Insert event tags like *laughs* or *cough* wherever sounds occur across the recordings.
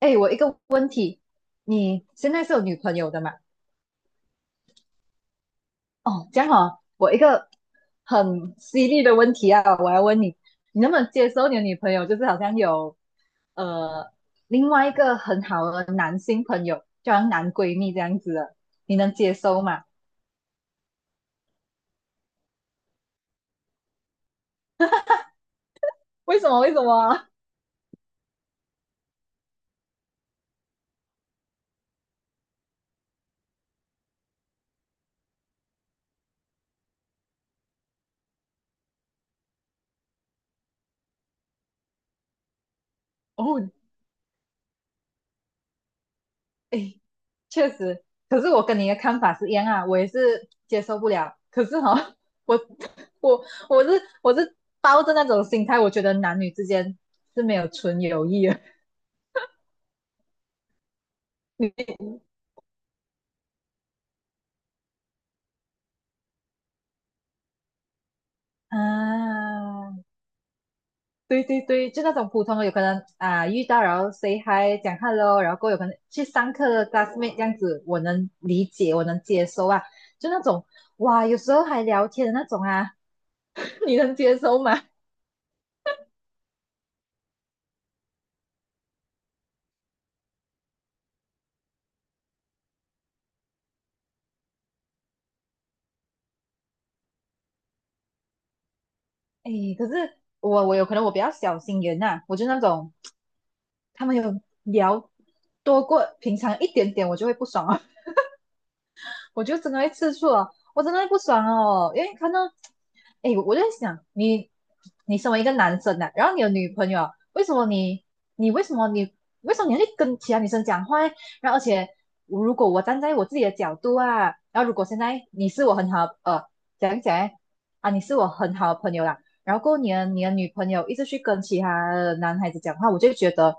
哎，我一个问题，你现在是有女朋友的嘛？哦，这样哦，我一个很犀利的问题啊，我要问你，你能不能接受你的女朋友就是好像有呃另外一个很好的男性朋友，就好像男闺蜜这样子的，你能接受吗？为什么？为什么？*laughs* 哦，哎，确实，可是我跟你的看法是一样啊，我也是接受不了。可是哈、哦我我我是我是抱着那种心态，我觉得男女之间是没有纯友谊的。*laughs* 你啊，对对对，就那种普通的，有可能啊遇到然后 say hi 讲 hello，然后过后有可能去上课的 classmate 这样子，我能理解，我能接受啊。就那种哇，有时候还聊天的那种啊，*laughs* 你能接受吗？*laughs* 哎，可是我有可能我比较小心眼呐、我就那种他们有聊多过平常一点点，我就会不爽啊。我就真的会吃醋哦，我真的会不爽哦，因为看到，哎，我就在想，你身为一个男生啊，然后你有女朋友，为什么你你为什么你为什么你要去跟其他女生讲话欸然后而且我如果我站在我自己的角度啊，然后如果现在你是我很好讲一讲来，啊，你是我很好的朋友啦，然后过年你的女朋友一直去跟其他的男孩子讲话，我就会觉得。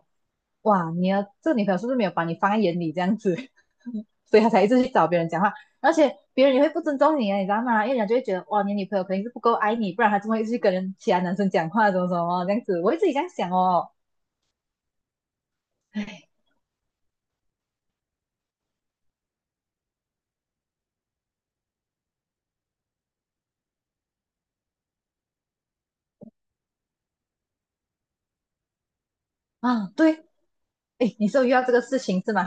哇，你的这个女朋友是不是没有把你放在眼里这样子，*laughs* 所以她才一直去找别人讲话。而且别人也会不尊重你啊，你知道吗？因为人家就会觉得哇，你女朋友肯定是不够爱你，不然她怎么会去跟人其他男生讲话，怎么怎么这样子？我会自己这样想哦。哎，啊，对，哎，你是有遇到这个事情是吗？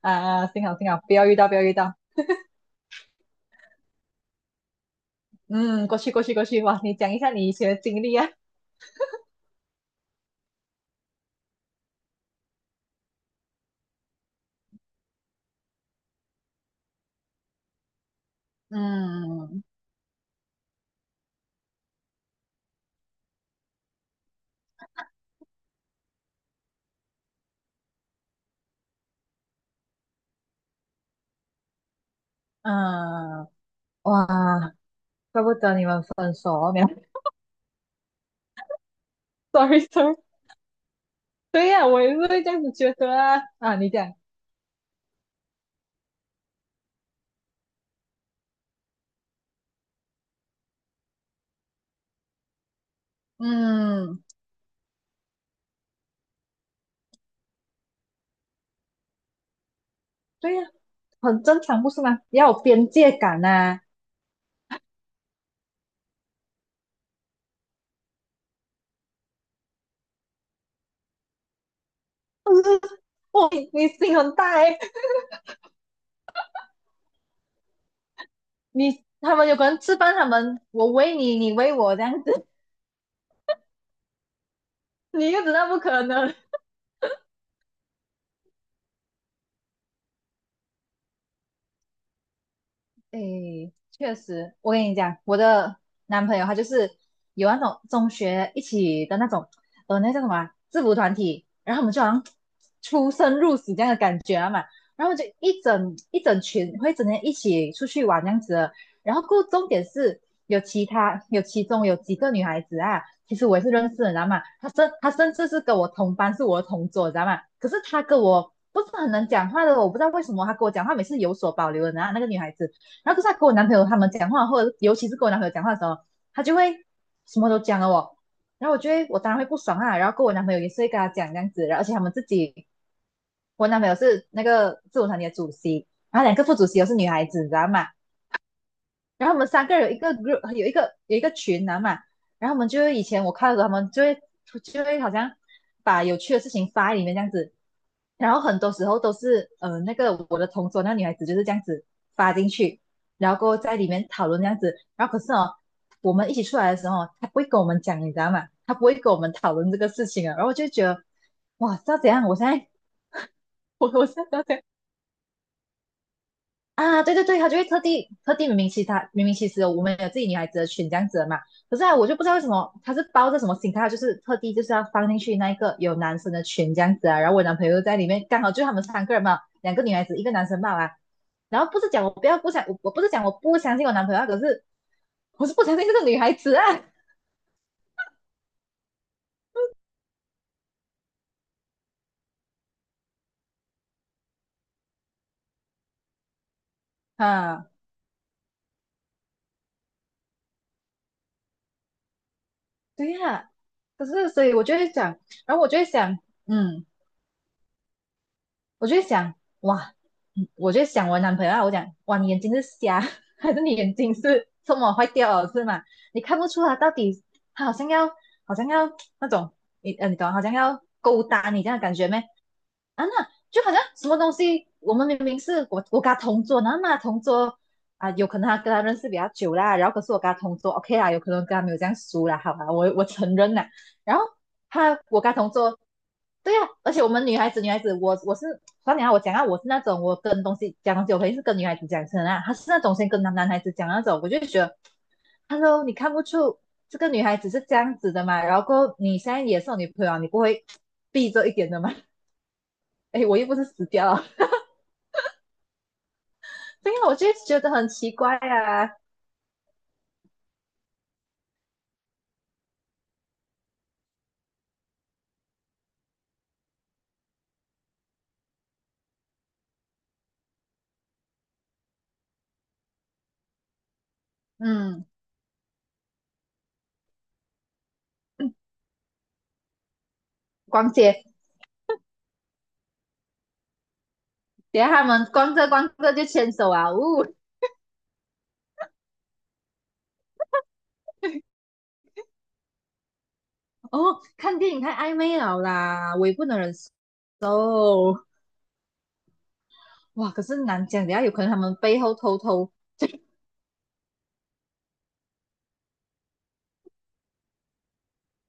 啊，幸好幸好，不要遇到，不要遇到。嗯，过去过去过去，哇，你讲一下你以前的经历啊。嗯啊，哇，怪不得你们分手哦，没有 *laughs*，sorry sorry。对呀、我也是会这样子觉得啊。啊，你讲，嗯，对呀、很正常，不是吗？要有边界感呐、*laughs* 我你你心很大哎、欸你他们有可能吃饭，他们，我喂你，你喂我这样子，你又知道不可能，诶，确实，我跟你讲，我的男朋友他就是有那种中学一起的那种，那叫什么啊制服团体，然后我们就好像出生入死这样的感觉啊嘛，然后就一整群会整天一起出去玩这样子的，然后过后重点是有其他有其中有几个女孩子啊，其实我也是认识的，你知道吗？她甚至是跟我同班，是我的同桌，你知道吗？可是她跟我不是很能讲话的，我不知道为什么她跟我讲话每次有所保留的，然后那个女孩子。然后可是他跟我男朋友他们讲话，或者尤其是跟我男朋友讲话的时候，他就会什么都讲了我，然后我觉得我当然会不爽啊，然后跟我男朋友也是会跟他讲这样子，然后而且他们自己，我男朋友是那个自我团体的主席，然后两个副主席又是女孩子，你知道吗？然后我们三个人有一个 group，有一个有一个群啊嘛，然后我们就会以前我看的时候，他们就会就会好像把有趣的事情发在里面这样子，然后很多时候都是那个我的同桌那女孩子就是这样子发进去，然后过后在里面讨论这样子，然后可是哦我们一起出来的时候哦，她不会跟我们讲，你知道吗？她不会跟我们讨论这个事情啊，然后我就觉得哇，知道怎样？我现在 *laughs* 我现在啊，对对对，他就会特地特地明明其他明明其实我们有自己女孩子的群这样子的嘛，可是啊，我就不知道为什么他是抱着什么心态，他就是特地就是要放进去那一个有男生的群这样子啊，然后我男朋友在里面，刚好就他们三个人嘛，两个女孩子一个男生嘛啊，然后不是讲我不要不想我我不是讲我不相信我男朋友啊，可是我是不相信这个女孩子啊啊，对呀、可是所以我就会想，然后我就会想，嗯。我就会想，哇，嗯我就想我男朋友啊，我讲，哇，你眼睛是瞎，*laughs* 还是你眼睛是这么坏掉了是吗？你看不出他到底他好像要，好像要那种，你懂，好像要勾搭你这样的感觉没？啊，那就好像什么东西，我们明明是我跟他同桌，然后那同桌啊，有可能他跟他认识比较久啦，然后可是我跟他同桌，OK 啦，有可能跟他没有这样熟啦，好吧，我承认啦。然后他我跟他同桌，对呀、而且我们女孩子，女孩子，我是，算你啊我讲啊，我是那种我跟东西讲东西，我肯定是跟女孩子讲先啊，她是那种先跟男孩子讲那种，我就觉得，Hello，你看不出这个女孩子是这样子的嘛？然后你现在也是我女朋友啊你不会避着一点的嘛？*laughs* 哎，我又不是死掉了，所以我就觉得很奇怪啊。嗯，逛街，等下他们逛着逛着就牵手啊，呜、*laughs* 哦，看电影太暧昧了啦，我也不能忍受。哇，可是难讲，等下有可能他们背后偷偷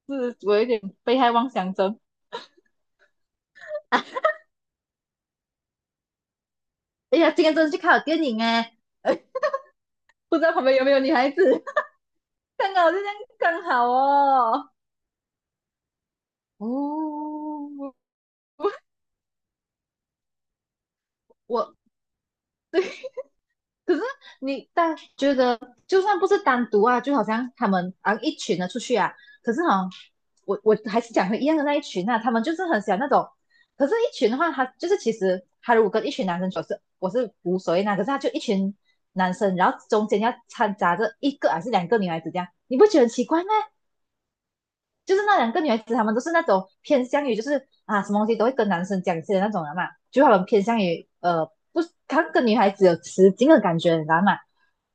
是我有点被害妄想症。哎呀，今天真的去看了电影哎，*laughs* 哎，不知道旁边有没有女孩子，刚好就这样刚好哦。哦，我可是你但觉得，就算不是单独啊，就好像他们啊一群的出去啊，可是哈，我还是讲回一样的那一群啊，他们就是很喜欢那种，可是一群的话，他就是其实他如果跟一群男生走是我是无所谓那，可是他就一群男生，然后中间要掺杂着一个还是两个女孩子这样，你不觉得很奇怪吗？就是那两个女孩子，她们都是那种偏向于就是啊，什么东西都会跟男生讲一些的那种人嘛，就她们偏向于呃，不她跟女孩子有雌竞的感觉，你知道吗？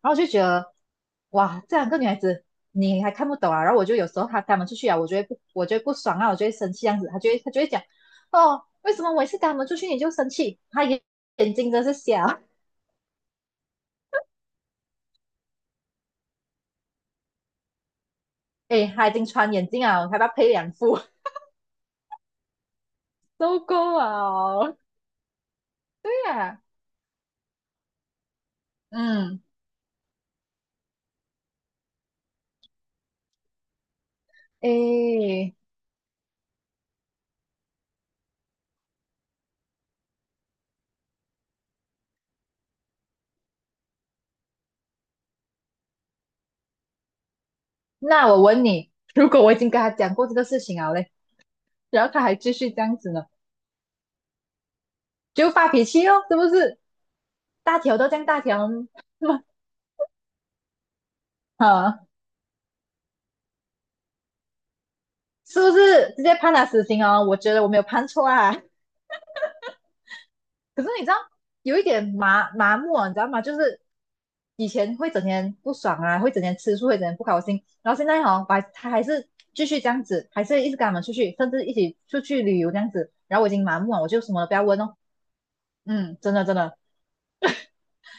然后我就觉得，哇，这两个女孩子你还看不懂啊。然后我就有时候她跟她们出去啊，我就会不爽啊，我就会生气这样子。她就会讲，哦，为什么我一次跟她们出去你就生气？眼睛真是瞎，诶，她已经穿眼镜啊，我还要配两副，受够了。对啊，嗯，诶。那我问你，*laughs* 如果我已经跟他讲过这个事情了嘞，然后他还继续这样子呢，就发脾气哦，是不是？大条都这样大条，*laughs* 啊，是不是直接判他死刑哦？我觉得我没有判错啊。*laughs* 可是你知道，有一点麻麻木啊，你知道吗？就是以前会整天不爽啊，会整天吃醋，会整天不高兴，然后现在哈、哦我还他还是继续这样子，还是一直跟他们出去，甚至一起出去旅游这样子。然后我已经麻木了，我就什么都不要问哦。嗯，真的真的，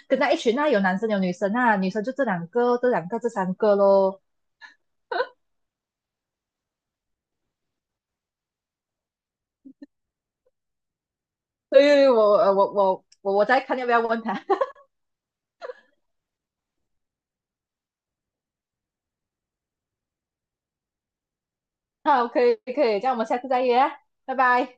跟在一群啊，有男生有女生啊，女生就这两个、这两个、这三个咯。所以我再看要不要问他。*laughs* 好，可以可以，这样我们下次再约啊，拜拜。